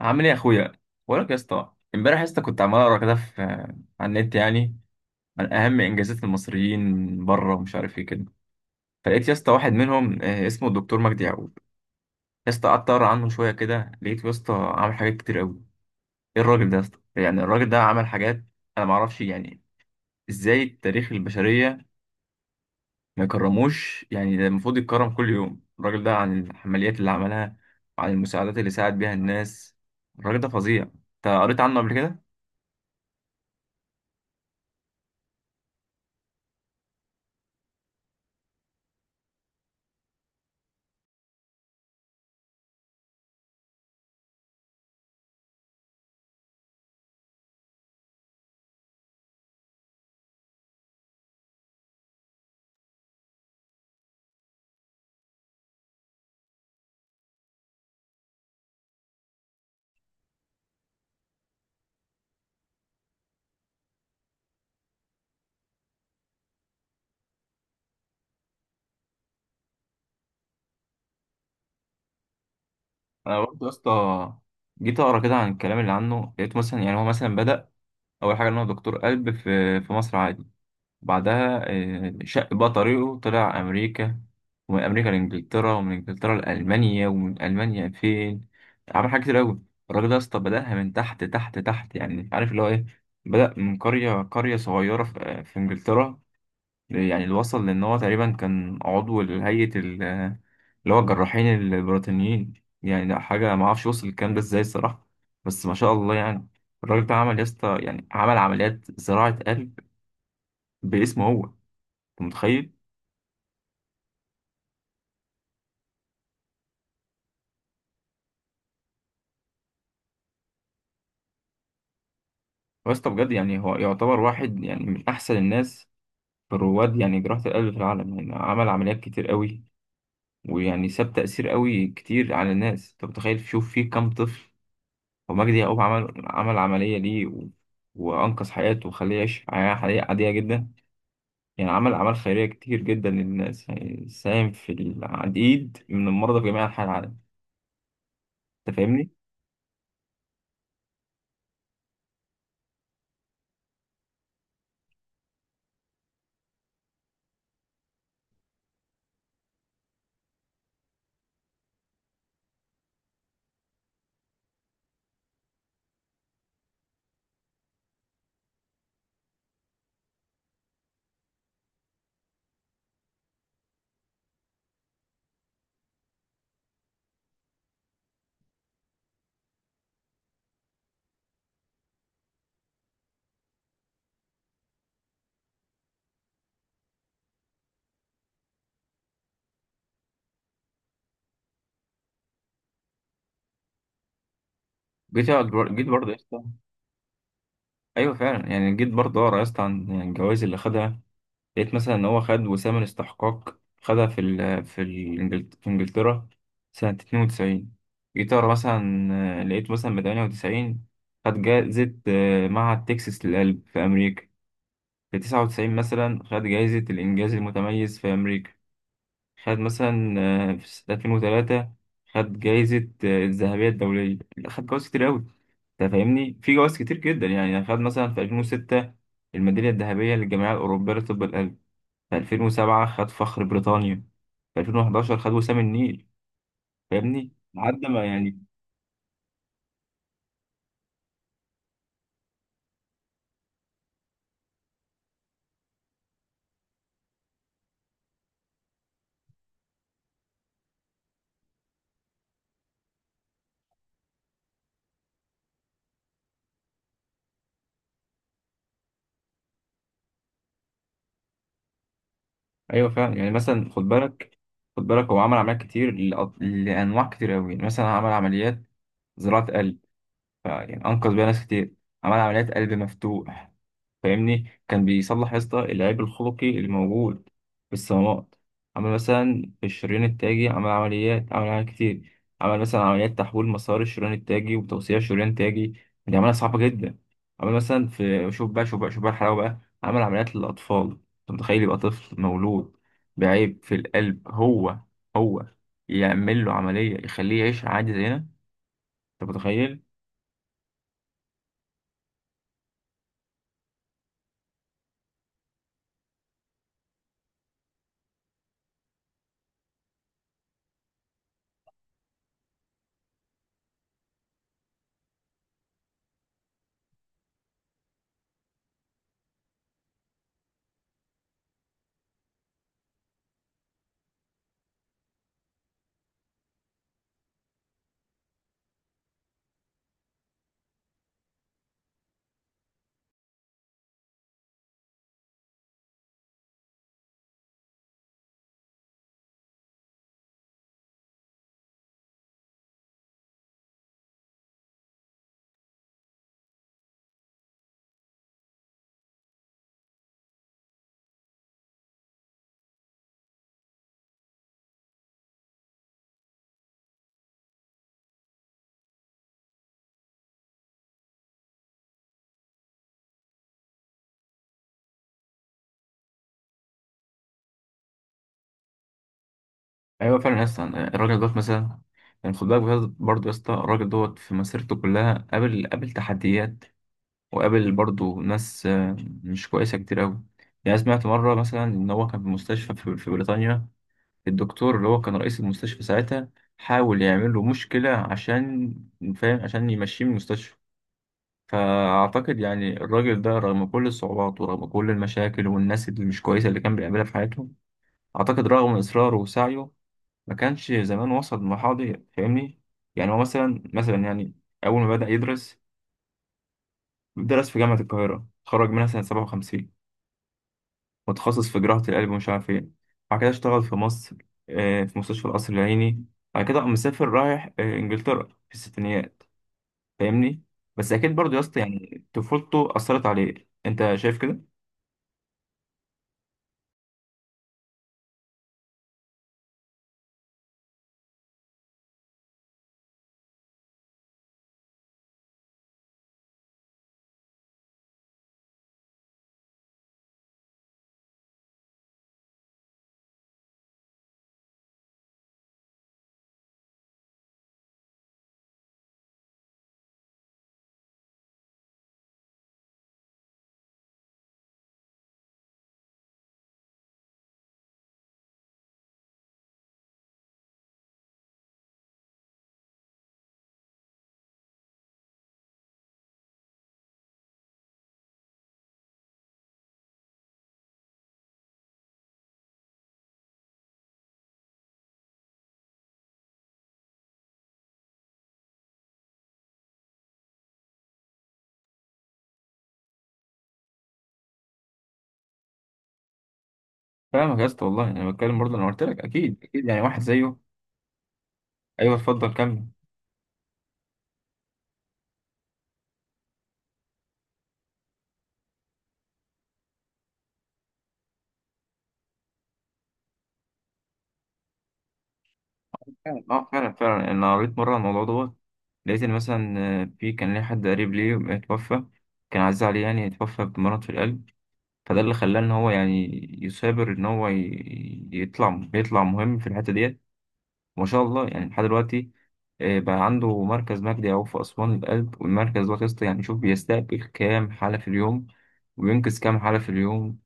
عامل ايه يا اخويا؟ بقول لك يا اسطى، امبارح يا اسطى كنت عمال اقرا كده في على النت يعني، عن اهم انجازات المصريين بره ومش عارف ايه كده. فلقيت يا اسطى واحد منهم، اسمه الدكتور مجدي يعقوب. يا اسطى قعدت اقرا عنه شويه كده، لقيته يا اسطى عامل حاجات كتير قوي. ايه الراجل ده يا اسطى؟ يعني الراجل ده عمل حاجات انا ما اعرفش يعني، ازاي التاريخ، البشريه ما يكرموش يعني؟ ده المفروض يتكرم كل يوم الراجل ده، عن العمليات اللي عملها وعن المساعدات اللي ساعد بيها الناس. الراجل ده فظيع، انت قريت عنه قبل كده؟ انا برضه يا اسطى جيت اقرا كده عن الكلام اللي عنه، لقيت مثلا يعني هو مثلا بدأ اول حاجه ان هو دكتور قلب في مصر عادي. بعدها شق بقى طريقه، طلع امريكا، ومن امريكا لانجلترا، ومن انجلترا لالمانيا، ومن المانيا فين. عمل حاجات كتير قوي. الراجل ده يا اسطى بدأها من تحت تحت تحت، يعني عارف اللي هو ايه. بدأ من قريه قريه صغيره في انجلترا. يعني اللي وصل لان هو تقريبا كان عضو لهيئه اللي هو الجراحين البريطانيين. يعني لا حاجة ما اعرفش وصل الكلام ده ازاي الصراحة. بس ما شاء الله يعني. الراجل ده عمل يا اسطى، يعني عمل عمليات زراعة قلب باسمه هو، انت متخيل؟ هو يا اسطى بجد، يعني هو يعتبر واحد يعني من أحسن الناس في الرواد يعني جراحة القلب في العالم. يعني عمل عمليات كتير قوي، ويعني ساب تأثير قوي كتير على الناس. انت متخيل شوف فيه كام طفل ومجدي يعقوب عمل عملية ليه وأنقذ حياته وخليه يعيش حياة حقيقية عادية جدا؟ يعني عمل أعمال خيرية كتير جدا للناس، يعني ساهم في العديد من المرضى في جميع أنحاء العالم. أنت فاهمني؟ جيت برضه يا اسطى. أيوه فعلا، يعني جيت برضه أقرا يا اسطى عن يعني الجوائز اللي خدها. لقيت مثلا إن هو خد وسام الاستحقاق، خدها في إنجلترا سنة 92. جيت أقرا مثلا، لقيت مثلا من 98 خد جائزة معهد تكساس للقلب في أمريكا. في 99 مثلا خد جائزة الإنجاز المتميز في أمريكا. خد مثلا، في سنة 2003 خد جايزة، الذهبية الدولية. لا، خد جوائز كتير أوي. أنت فاهمني، في جوائز كتير جدا. يعني خد مثلا في 2006 الميدالية الذهبية للجمعية الأوروبية لطب القلب. في 2007 خد فخر بريطانيا. في 2011 خد وسام النيل. فاهمني لحد ما يعني. أيوه فعلا يعني، مثلا خد بالك، خد بالك هو عمل عمليات كتير لأنواع كتير أوي. يعني مثلا عمل عمليات زراعة قلب، فيعني انقذ بيها ناس كتير. عمل عمليات قلب مفتوح، فاهمني، كان بيصلح يا اسطى العيب الخلقي اللي موجود في الصمامات. عمل مثلا في الشريان التاجي، عمل عمليات كتير. عمل مثلا عمليات تحويل مسار الشريان التاجي وتوسيع الشريان التاجي. دي عملية صعبة جدا. عمل مثلا في، شوف بقى شوف بقى شوف بقى الحلاوة بقى، عمل عمليات للأطفال. أنت متخيل يبقى طفل مولود بعيب في القلب، هو يعمل له عملية يخليه يعيش عادي زينا؟ أنت متخيل؟ ايوه فعلا يا اسطى، الراجل دوت مثلا، يعني خد بالك بجد برضه يا اسطى، الراجل دوت في مسيرته كلها قابل تحديات، وقابل برضه ناس مش كويسه كتير قوي. يعني سمعت مره مثلا ان هو كان في مستشفى في بريطانيا، الدكتور اللي هو كان رئيس المستشفى ساعتها حاول يعمل له مشكله، عشان فاهم، عشان يمشيه من المستشفى. فاعتقد يعني الراجل ده رغم كل الصعوبات ورغم كل المشاكل والناس اللي مش كويسه اللي كان بيقابلها في حياته، اعتقد رغم اصراره وسعيه ما كانش زمان وصل للمرحلة دي، فاهمني. يعني هو مثلا يعني أول ما بدأ يدرس، درس في جامعة القاهرة، اتخرج منها سنة 57 متخصص في جراحة القلب ومش عارف إيه. بعد كده اشتغل في مصر، في مستشفى القصر العيني. بعد كده قام مسافر رايح إنجلترا في الستينيات، فاهمني. بس أكيد برضه يا اسطى يعني طفولته أثرت عليه، أنت شايف كده؟ فاهمك يا اسطى، والله أنا بتكلم برضه، أنا قلت لك أكيد أكيد، يعني واحد زيه. أيوه اتفضل كمل. فعلا فعلا فعلا، انا قريت مره عن الموضوع دوت. لقيت ان مثلا في، كان ليه حد قريب ليه اتوفى، كان عزيز عليه، يعني اتوفى بمرض في القلب. فده اللي خلاه ان هو يعني يثابر ان هو يطلع مهم في الحته ديت. ما شاء الله يعني، لحد دلوقتي بقى عنده مركز مجدي يعقوب في اسوان للقلب، والمركز ده قسط يعني. شوف بيستقبل كام حاله في اليوم وينقذ كام حاله في اليوم.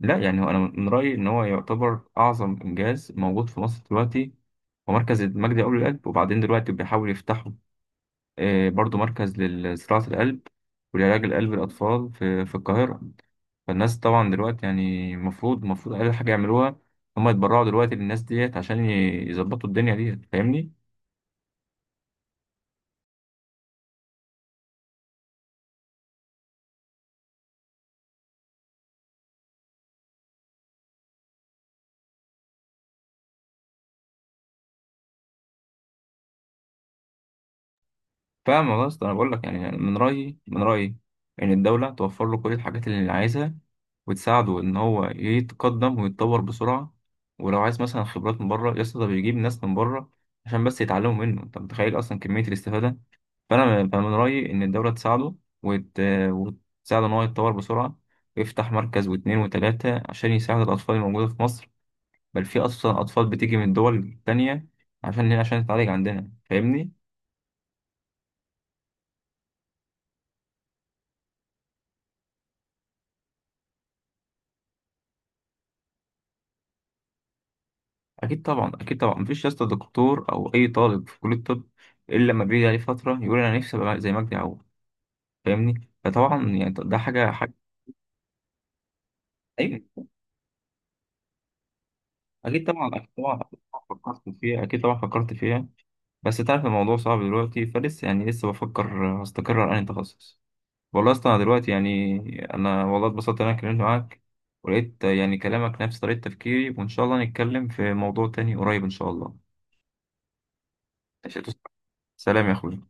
لا يعني هو انا من رايي ان هو يعتبر اعظم انجاز موجود في مصر دلوقتي. هو مركز المجدي اول القلب، وبعدين دلوقتي بيحاول يفتحوا برضو مركز لزراعه القلب ولعلاج القلب للاطفال في القاهره. فالناس طبعا دلوقتي يعني المفروض، اقل حاجه يعملوها هم يتبرعوا دلوقتي للناس ديت عشان يظبطوا الدنيا ديت، فاهمني. فاهم والله يا اسطى، انا بقول لك يعني، من رايي ان الدوله توفر له كل الحاجات اللي عايزها، وتساعده ان هو يتقدم ويتطور بسرعه. ولو عايز مثلا خبرات من بره يا اسطى، ده بيجيب ناس من بره عشان بس يتعلموا منه. انت متخيل اصلا كميه الاستفاده؟ فأنا من رايي ان الدوله تساعده، وت... وتساعده ان هو يتطور بسرعه، ويفتح مركز واتنين وتلاته عشان يساعد الاطفال الموجوده في مصر. بل في اصلا اطفال بتيجي من دول تانية عشان تتعالج عندنا، فاهمني. اكيد طبعا اكيد طبعا، مفيش يا اسطى دكتور او اي طالب في كليه الطب الا لما بيجي عليه فتره يقول انا نفسي ابقى زي مجدي يعقوب، فاهمني. فطبعا يعني ده حاجه حاجه. ايوه اكيد طبعا اكيد طبعا أكيد طبعاً فكرت فيها، اكيد طبعا فكرت فيها. بس تعرف الموضوع صعب دلوقتي فلسه، يعني لسه بفكر هستقر على انهي تخصص. والله اصلا أنا دلوقتي يعني، انا والله اتبسطت ان انا اتكلمت معاك، ولقيت يعني كلامك نفس طريقه تفكيري. وان شاء الله نتكلم في موضوع تاني قريب ان شاء الله. ماشي يا أستاذ. سلام يا اخوي